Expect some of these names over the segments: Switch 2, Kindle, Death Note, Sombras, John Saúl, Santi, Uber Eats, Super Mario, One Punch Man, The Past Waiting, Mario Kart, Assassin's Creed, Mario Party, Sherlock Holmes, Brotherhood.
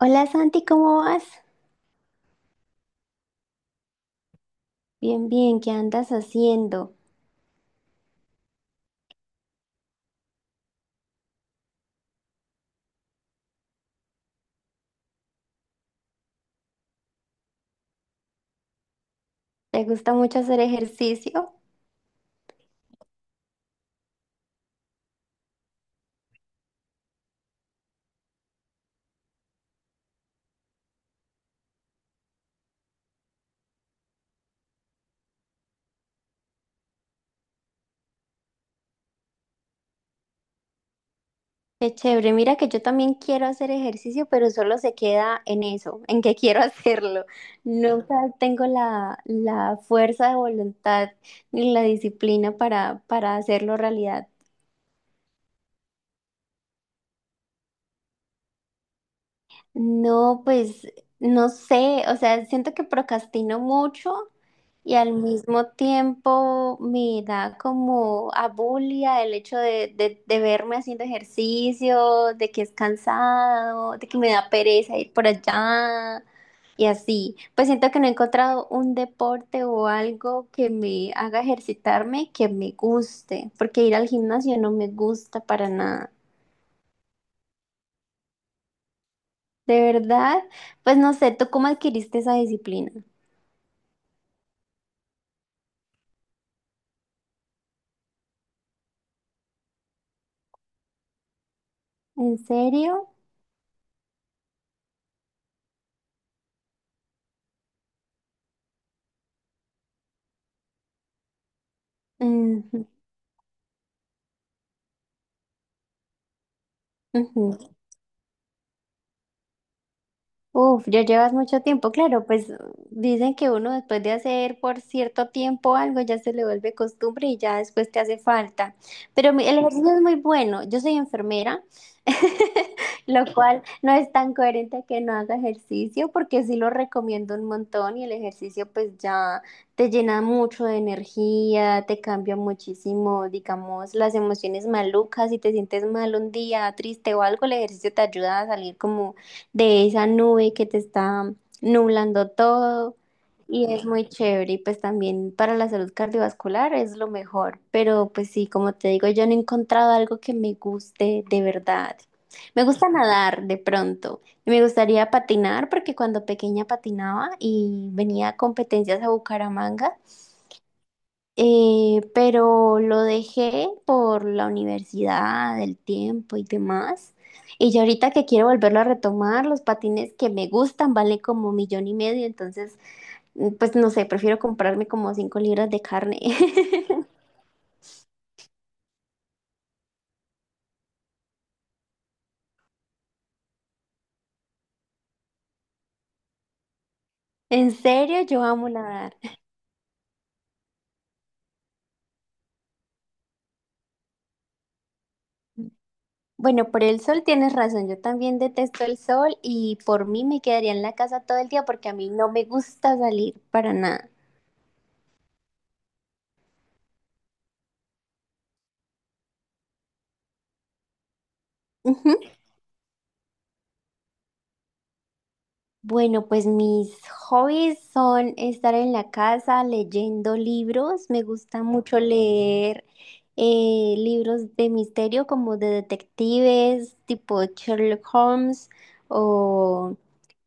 Hola Santi, ¿cómo vas? Bien, bien, ¿qué andas haciendo? ¿Te gusta mucho hacer ejercicio? Qué chévere, mira que yo también quiero hacer ejercicio, pero solo se queda en eso, en que quiero hacerlo. Nunca tengo la fuerza de voluntad ni la disciplina para hacerlo realidad. No, pues no sé, o sea, siento que procrastino mucho y al mismo tiempo me da como abulia el hecho de verme haciendo ejercicio, de que es cansado, de que me da pereza ir por allá y así. Pues siento que no he encontrado un deporte o algo que me haga ejercitarme que me guste, porque ir al gimnasio no me gusta para nada. ¿De verdad? Pues no sé, ¿tú cómo adquiriste esa disciplina? ¿En serio? Ujú, ujú. Uf, ya llevas mucho tiempo, claro, pues dicen que uno después de hacer por cierto tiempo algo ya se le vuelve costumbre y ya después te hace falta. Pero el ejercicio es muy bueno, yo soy enfermera, lo cual no es tan coherente que no haga ejercicio porque sí lo recomiendo un montón y el ejercicio pues ya te llena mucho de energía, te cambia muchísimo, digamos, las emociones malucas, si te sientes mal un día, triste o algo, el ejercicio te ayuda a salir como de esa nube que te está nublando todo y es muy chévere y pues también para la salud cardiovascular es lo mejor, pero pues sí, como te digo, yo no he encontrado algo que me guste de verdad. Me gusta nadar de pronto y me gustaría patinar porque cuando pequeña patinaba y venía a competencias a Bucaramanga. Pero lo dejé por la universidad, el tiempo y demás. Y yo ahorita que quiero volverlo a retomar, los patines que me gustan valen como millón y medio, entonces, mm, pues no sé, prefiero comprarme como 5 libras de carne. En serio, yo amo nadar. Bueno, por el sol tienes razón, yo también detesto el sol y por mí me quedaría en la casa todo el día porque a mí no me gusta salir para nada. Bueno, pues mis hobbies son estar en la casa leyendo libros. Me gusta mucho leer libros de misterio como de detectives, tipo Sherlock Holmes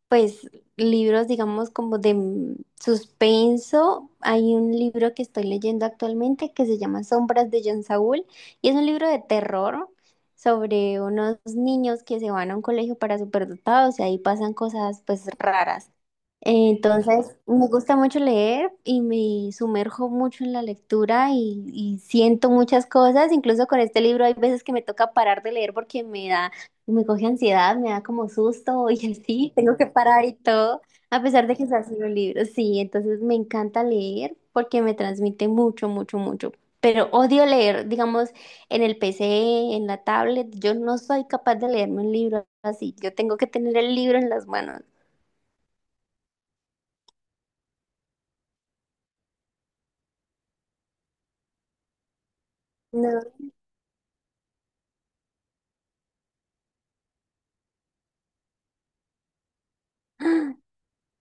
pues libros, digamos, como de mm, suspenso. Hay un libro que estoy leyendo actualmente que se llama Sombras de John Saúl y es un libro de terror sobre unos niños que se van a un colegio para superdotados y ahí pasan cosas pues raras. Entonces, me gusta mucho leer y me sumerjo mucho en la lectura y siento muchas cosas. Incluso con este libro hay veces que me toca parar de leer porque me da, me coge ansiedad, me da como susto y así, tengo que parar y todo, a pesar de que sea solo un libro. Sí, entonces me encanta leer porque me transmite mucho, mucho, mucho. Pero odio leer, digamos, en el PC, en la tablet. Yo no soy capaz de leerme un libro así. Yo tengo que tener el libro en las manos. No.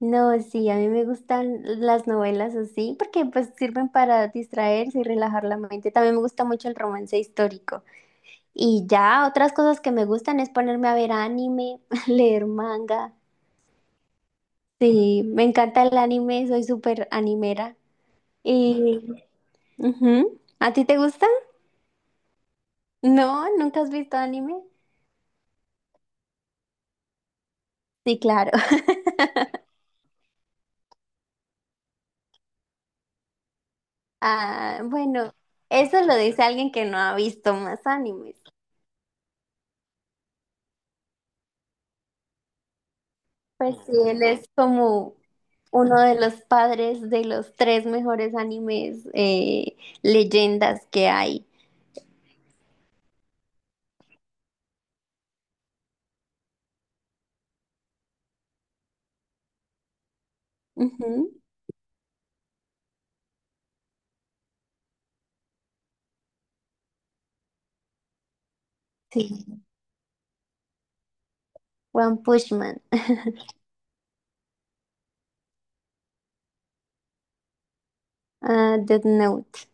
No, sí, a mí me gustan las novelas así porque pues sirven para distraerse y relajar la mente. También me gusta mucho el romance histórico. Y ya otras cosas que me gustan es ponerme a ver anime, leer manga. Sí, me encanta el anime, soy súper animera. Y ujú. ¿A ti te gusta? No, ¿nunca has visto anime? Sí, claro. Ah, bueno, eso lo dice alguien que no ha visto más animes. Pues sí, él es como uno de los padres de los tres mejores animes leyendas que hay. Ujú, sí, One Punch Man. Ah, Death Note.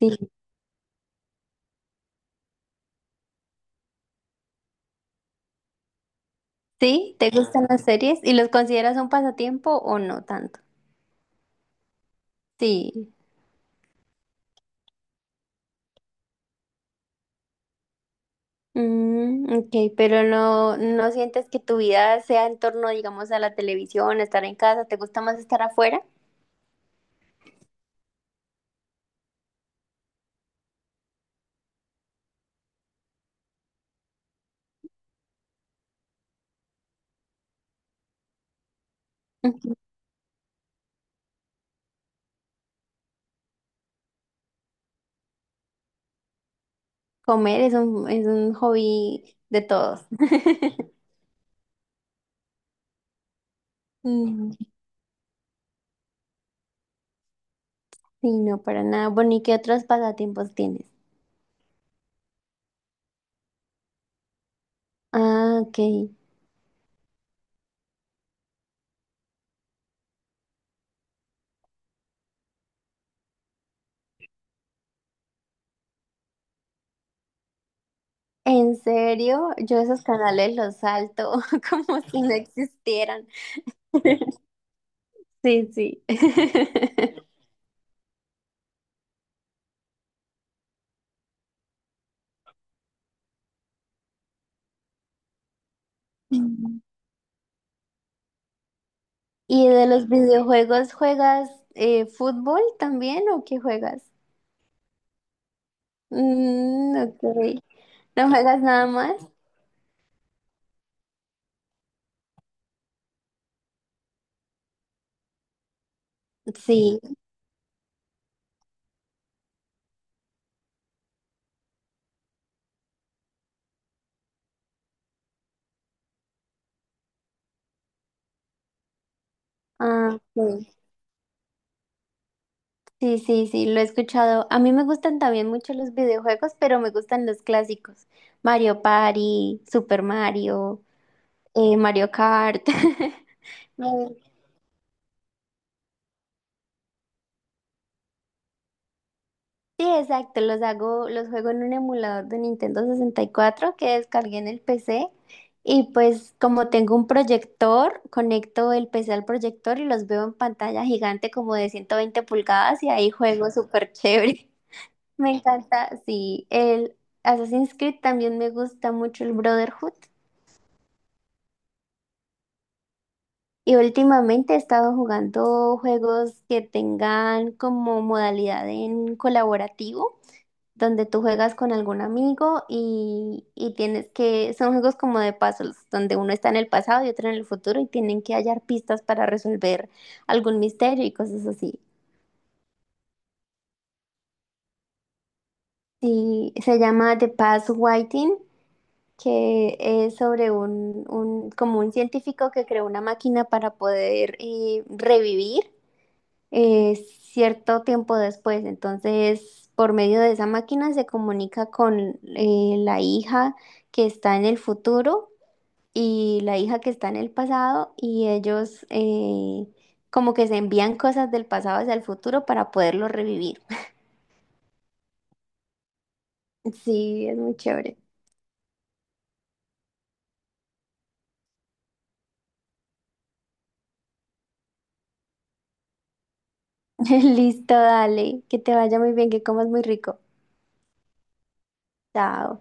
Sí. ¿Sí? ¿Te gustan las series? ¿Y los consideras un pasatiempo o no tanto? Sí. Mm, ok, pero no, no sientes que tu vida sea en torno, digamos, a la televisión, a estar en casa. ¿Te gusta más estar afuera? Ujú. Comer es un hobby de todos. Mm. Sí, no, para nada. Bueno, ¿y qué otros pasatiempos tienes? Ah, ok. ¿En serio? Yo esos canales los salto como si no existieran. Sí, sí. Mm. ¿Y de los videojuegos juegas fútbol también o qué juegas? Mm, ok. ¿No juegas nada más? Sí. Ah, ok. Sí, sí, sí, lo he escuchado. A mí me gustan también mucho los videojuegos, pero me gustan los clásicos. Mario Party, Super Mario, Mario Kart. Me- Sí, exacto, los hago, los juego en un emulador de Nintendo 64 que descargué en el PC. Y pues como tengo un proyector, conecto el PC al proyector y los veo en pantalla gigante como de 120 pulgadas y ahí juego súper chévere. Me encanta, sí. El Assassin's Creed también me gusta mucho el Brotherhood. Y últimamente he estado jugando juegos que tengan como modalidad en colaborativo, donde tú juegas con algún amigo y tienes que, son juegos como de puzzles, donde uno está en el pasado y otro en el futuro y tienen que hallar pistas para resolver algún misterio y cosas así. Sí, se llama The Past Waiting que es sobre un, como un científico que creó una máquina para poder revivir cierto tiempo después. Entonces, por medio de esa máquina se comunica con la hija que está en el futuro y la hija que está en el pasado y ellos como que se envían cosas del pasado hacia el futuro para poderlo revivir. Sí, es muy chévere. Listo, dale, que te vaya muy bien, que comas muy rico. Chao.